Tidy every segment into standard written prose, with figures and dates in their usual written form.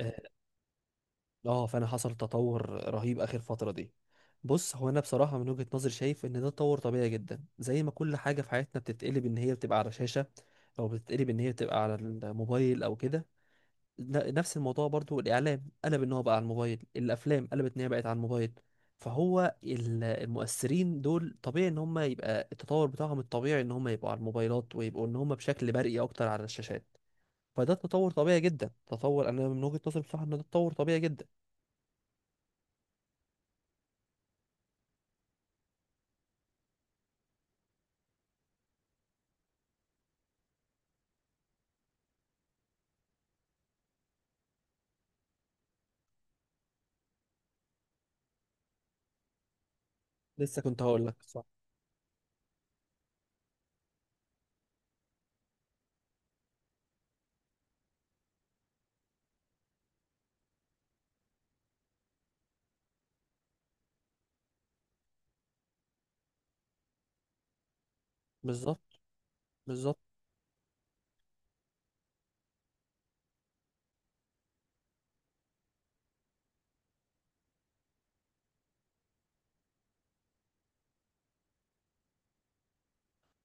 اه. فانا حصل تطور رهيب اخر فتره دي. بص هو انا بصراحه من وجهه نظري شايف ان ده تطور طبيعي جدا، زي ما كل حاجه في حياتنا بتتقلب ان هي بتبقى على شاشه او بتتقلب ان هي بتبقى على الموبايل او كده. نفس الموضوع برضو، الاعلام قلب ان هو بقى على الموبايل، الافلام قلبت ان هي بقت على الموبايل. فهو المؤثرين دول طبيعي ان هم يبقى التطور بتاعهم الطبيعي ان هم يبقوا على الموبايلات ويبقوا ان هم بشكل برئي اكتر على الشاشات. فده تطور طبيعي جدا، تطور، انا من وجهة نظري بصراحة ان ده تطور طبيعي جدا. لسه كنت هقول لك صح. بالظبط. بالظبط.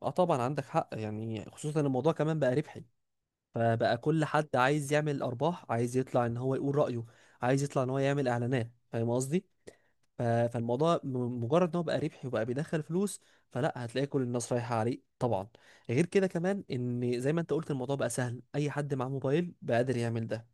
اه طبعا عندك حق، يعني خصوصا إن الموضوع كمان بقى ربحي، فبقى كل حد عايز يعمل ارباح، عايز يطلع ان هو يقول رأيه، عايز يطلع ان هو يعمل اعلانات، فاهم قصدي؟ فالموضوع مجرد ان هو بقى ربحي وبقى بيدخل فلوس، فلا هتلاقي كل الناس رايحه عليه طبعا. غير كده كمان، ان زي ما انت قلت الموضوع بقى سهل، اي حد معاه موبايل بقى قادر يعمل ده،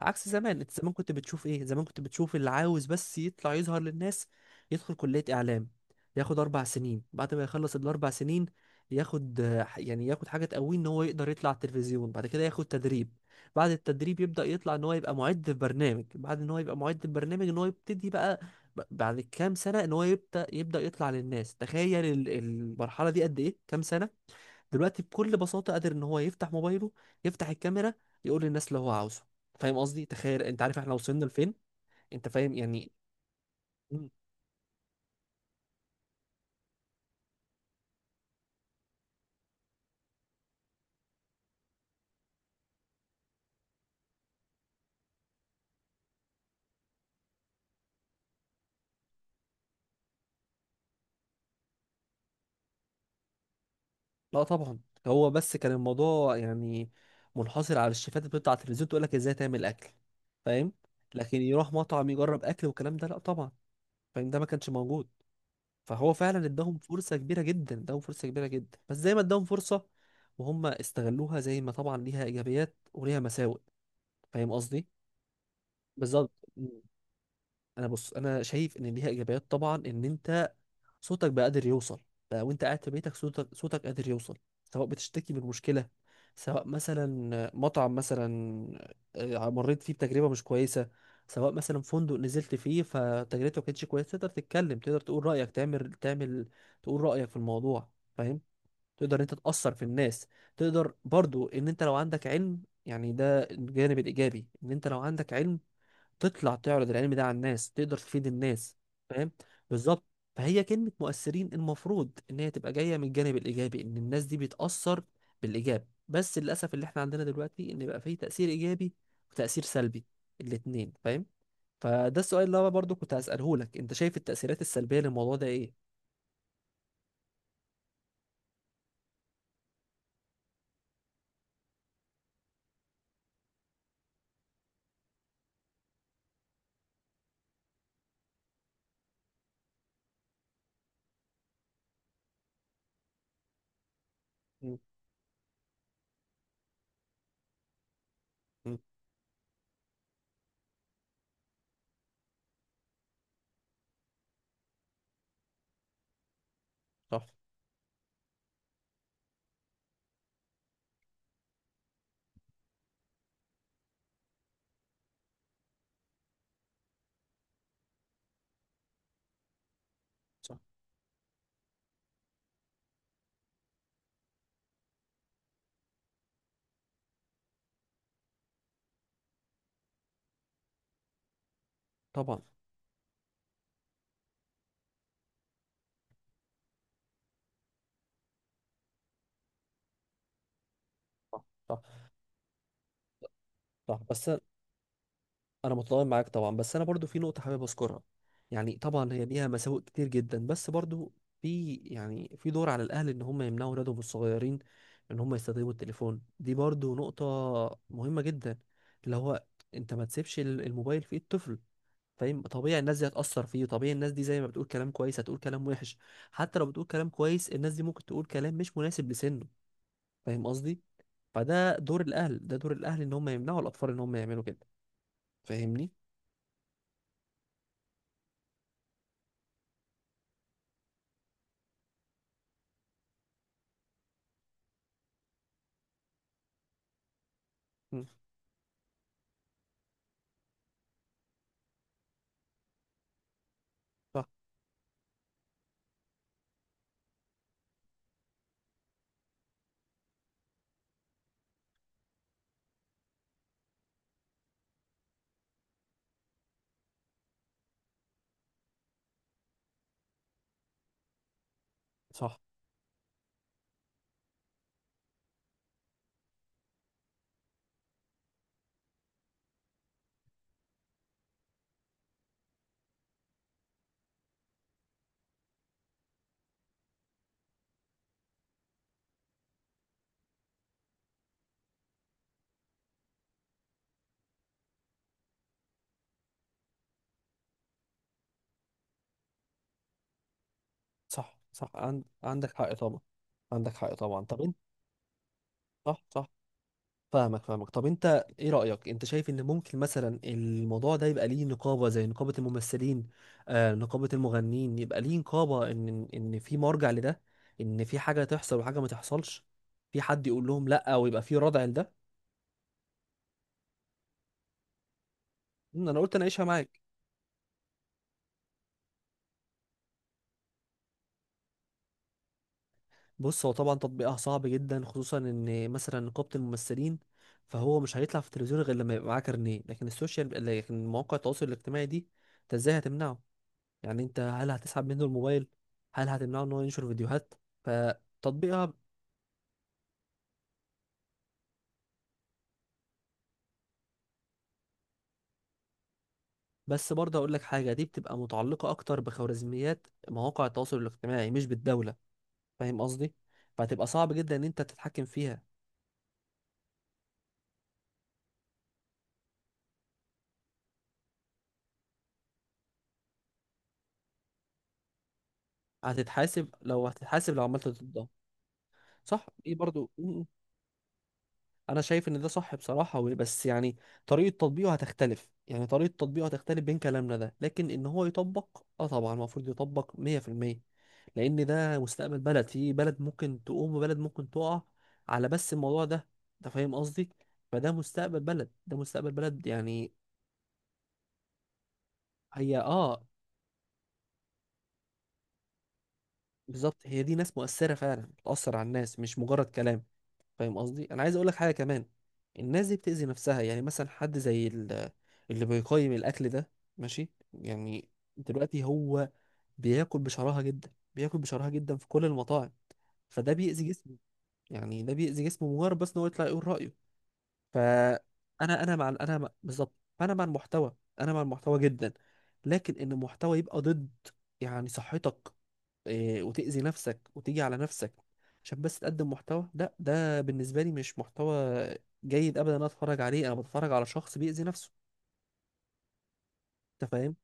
عكس زمان. انت زمان كنت بتشوف ايه؟ زمان كنت بتشوف اللي عاوز بس يطلع يظهر للناس يدخل كليه اعلام، ياخد اربع سنين، بعد ما يخلص الاربع سنين ياخد يعني ياخد حاجه تقويه ان هو يقدر يطلع على التلفزيون، بعد كده ياخد تدريب، بعد التدريب يبدا يطلع ان هو يبقى معد في برنامج، بعد ان هو يبقى معد في برنامج ان هو يبتدي بقى، بعد كام سنة ان هو يبدأ يطلع للناس. تخيل المرحلة دي قد ايه، كام سنة. دلوقتي بكل بساطة قادر ان هو يفتح موبايله، يفتح الكاميرا، يقول للناس اللي هو عاوزه. فاهم قصدي؟ تخيل. انت عارف احنا وصلنا لفين؟ انت فاهم يعني. مم. لا طبعا. هو بس كان الموضوع يعني منحصر على الشيفات اللي بتطلع على التلفزيون تقول لك ازاي تعمل اكل، فاهم؟ لكن يروح مطعم يجرب اكل والكلام ده، لا طبعا. فاهم، ده ما كانش موجود. فهو فعلا اداهم فرصة كبيرة جدا، اداهم فرصة كبيرة جدا، بس زي ما اداهم فرصة، وهم استغلوها. زي ما طبعا ليها ايجابيات وليها مساوئ، فاهم قصدي؟ بالظبط. مم. انا بص، انا شايف ان ليها ايجابيات طبعا، ان انت صوتك بقى قادر يوصل، بقى وانت قاعد في بيتك صوتك صوتك قادر يوصل، سواء بتشتكي من مشكلة، سواء مثلا مطعم، مثلا مريت فيه بتجربة مش كويسة، سواء مثلا فندق نزلت فيه فتجربته ما كانتش كويسة، تقدر تتكلم، تقدر تقول رأيك، تعمل تقول رأيك في الموضوع، فاهم؟ تقدر إن انت تأثر في الناس، تقدر برضو ان انت لو عندك علم، يعني ده الجانب الإيجابي، ان انت لو عندك علم تطلع تعرض العلم ده على الناس، تقدر تفيد الناس، فاهم؟ بالظبط. فهي كلمة مؤثرين المفروض ان هي تبقى جاية من الجانب الايجابي، ان الناس دي بتأثر بالايجاب، بس للاسف اللي احنا عندنا دلوقتي ان بقى فيه تأثير ايجابي وتأثير سلبي، الاتنين، فاهم؟ فده السؤال اللي انا برضو كنت هسأله لك، انت شايف التأثيرات السلبية للموضوع ده ايه؟ مم. مم. صح. صح طبعا. صح. صح. صح. بس انا متضامن معاك طبعا، بس انا برضو في نقطه حابب اذكرها. يعني طبعا هي ليها مساوئ كتير جدا، بس برضو في، يعني في دور على الاهل ان هم يمنعوا اولادهم الصغيرين ان هم يستخدموا التليفون، دي برضو نقطه مهمه جدا. اللي هو انت ما تسيبش الموبايل في ايد طفل، فاهم؟ طبيعي الناس دي هتأثر فيه، طبيعي الناس دي زي ما بتقول كلام كويس هتقول كلام وحش، حتى لو بتقول كلام كويس الناس دي ممكن تقول كلام مش مناسب لسنه، فاهم قصدي؟ فده دور الاهل، ده دور الاهل ان هم يمنعوا الاطفال ان هم يعملوا كده. فاهمني. مم. صح. صح. صح. عندك حق طبعا. عندك حق طبعا. طب انت. صح. صح. فاهمك، فاهمك. طب انت ايه رأيك؟ انت شايف ان ممكن مثلا الموضوع ده يبقى ليه نقابة زي نقابة الممثلين، نقابة المغنيين، يبقى ليه نقابة، ان ان إن في مرجع لده، ان في حاجة تحصل وحاجة ما تحصلش، في حد يقول لهم لا ويبقى في ردع لده. انا قلت اناقشها معاك. بص، هو طبعا تطبيقها صعب جدا، خصوصا ان مثلا نقابة الممثلين، فهو مش هيطلع في التلفزيون غير لما يبقى معاه كارنيه، لكن السوشيال، لكن مواقع التواصل الاجتماعي دي، انت ازاي هتمنعه؟ يعني انت هل هتسحب منه الموبايل؟ هل هتمنعه ان هو ينشر فيديوهات؟ فتطبيقها. بس برضه هقول لك حاجة، دي بتبقى متعلقة اكتر بخوارزميات مواقع التواصل الاجتماعي مش بالدولة، فاهم قصدي؟ فهتبقى صعب جدا ان انت تتحكم فيها. هتتحاسب لو عملت ضدها. صح. ايه برضه. انا شايف ان ده صح بصراحه، بس يعني طريقه تطبيقه هتختلف، يعني طريقه تطبيقه هتختلف بين كلامنا ده، لكن ان هو يطبق، طبعا المفروض يطبق 100%، لان ده مستقبل بلد، في بلد ممكن تقوم وبلد ممكن تقع على بس الموضوع ده، انت فاهم قصدي؟ فده مستقبل بلد، ده مستقبل بلد يعني. هي بالظبط، هي دي ناس مؤثره فعلا بتاثر على الناس مش مجرد كلام، فاهم قصدي؟ انا عايز اقول لك حاجه كمان، الناس دي بتأذي نفسها، يعني مثلا حد زي اللي بيقيم الاكل ده، ماشي يعني. دلوقتي هو بياكل بشراهه جدا، بياكل بشراهه جدا في كل المطاعم، فده بيأذي جسمه، يعني ده بيأذي جسمه، مجرد بس ان هو يطلع يقول رأيه. فانا انا مع بالظبط. انا مع المحتوى، انا مع المحتوى جدا. لكن ان المحتوى يبقى ضد، يعني صحتك، وتأذي نفسك وتيجي على نفسك، عشان بس تقدم محتوى، لا ده بالنسبة لي مش محتوى جيد أبدا. أنا أتفرج عليه، أنا بتفرج على شخص بيأذي نفسه. أنت فاهم.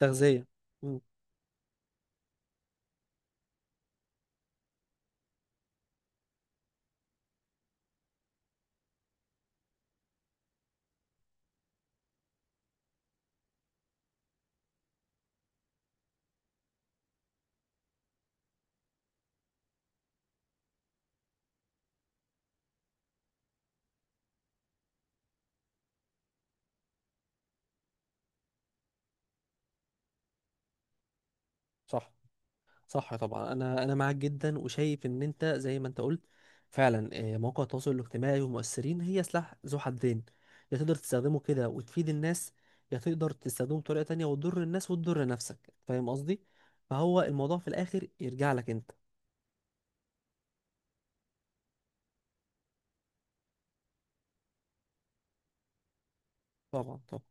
تغذية. مم. صح. صح طبعا، أنا معاك جدا وشايف إن أنت زي ما أنت قلت فعلا، مواقع التواصل الاجتماعي والمؤثرين هي سلاح ذو حدين، يا تقدر تستخدمه كده وتفيد الناس، يا تقدر تستخدمه بطريقة تانية وتضر الناس وتضر نفسك، فاهم قصدي؟ فهو الموضوع في الآخر يرجع لك أنت. طبعا طبعا.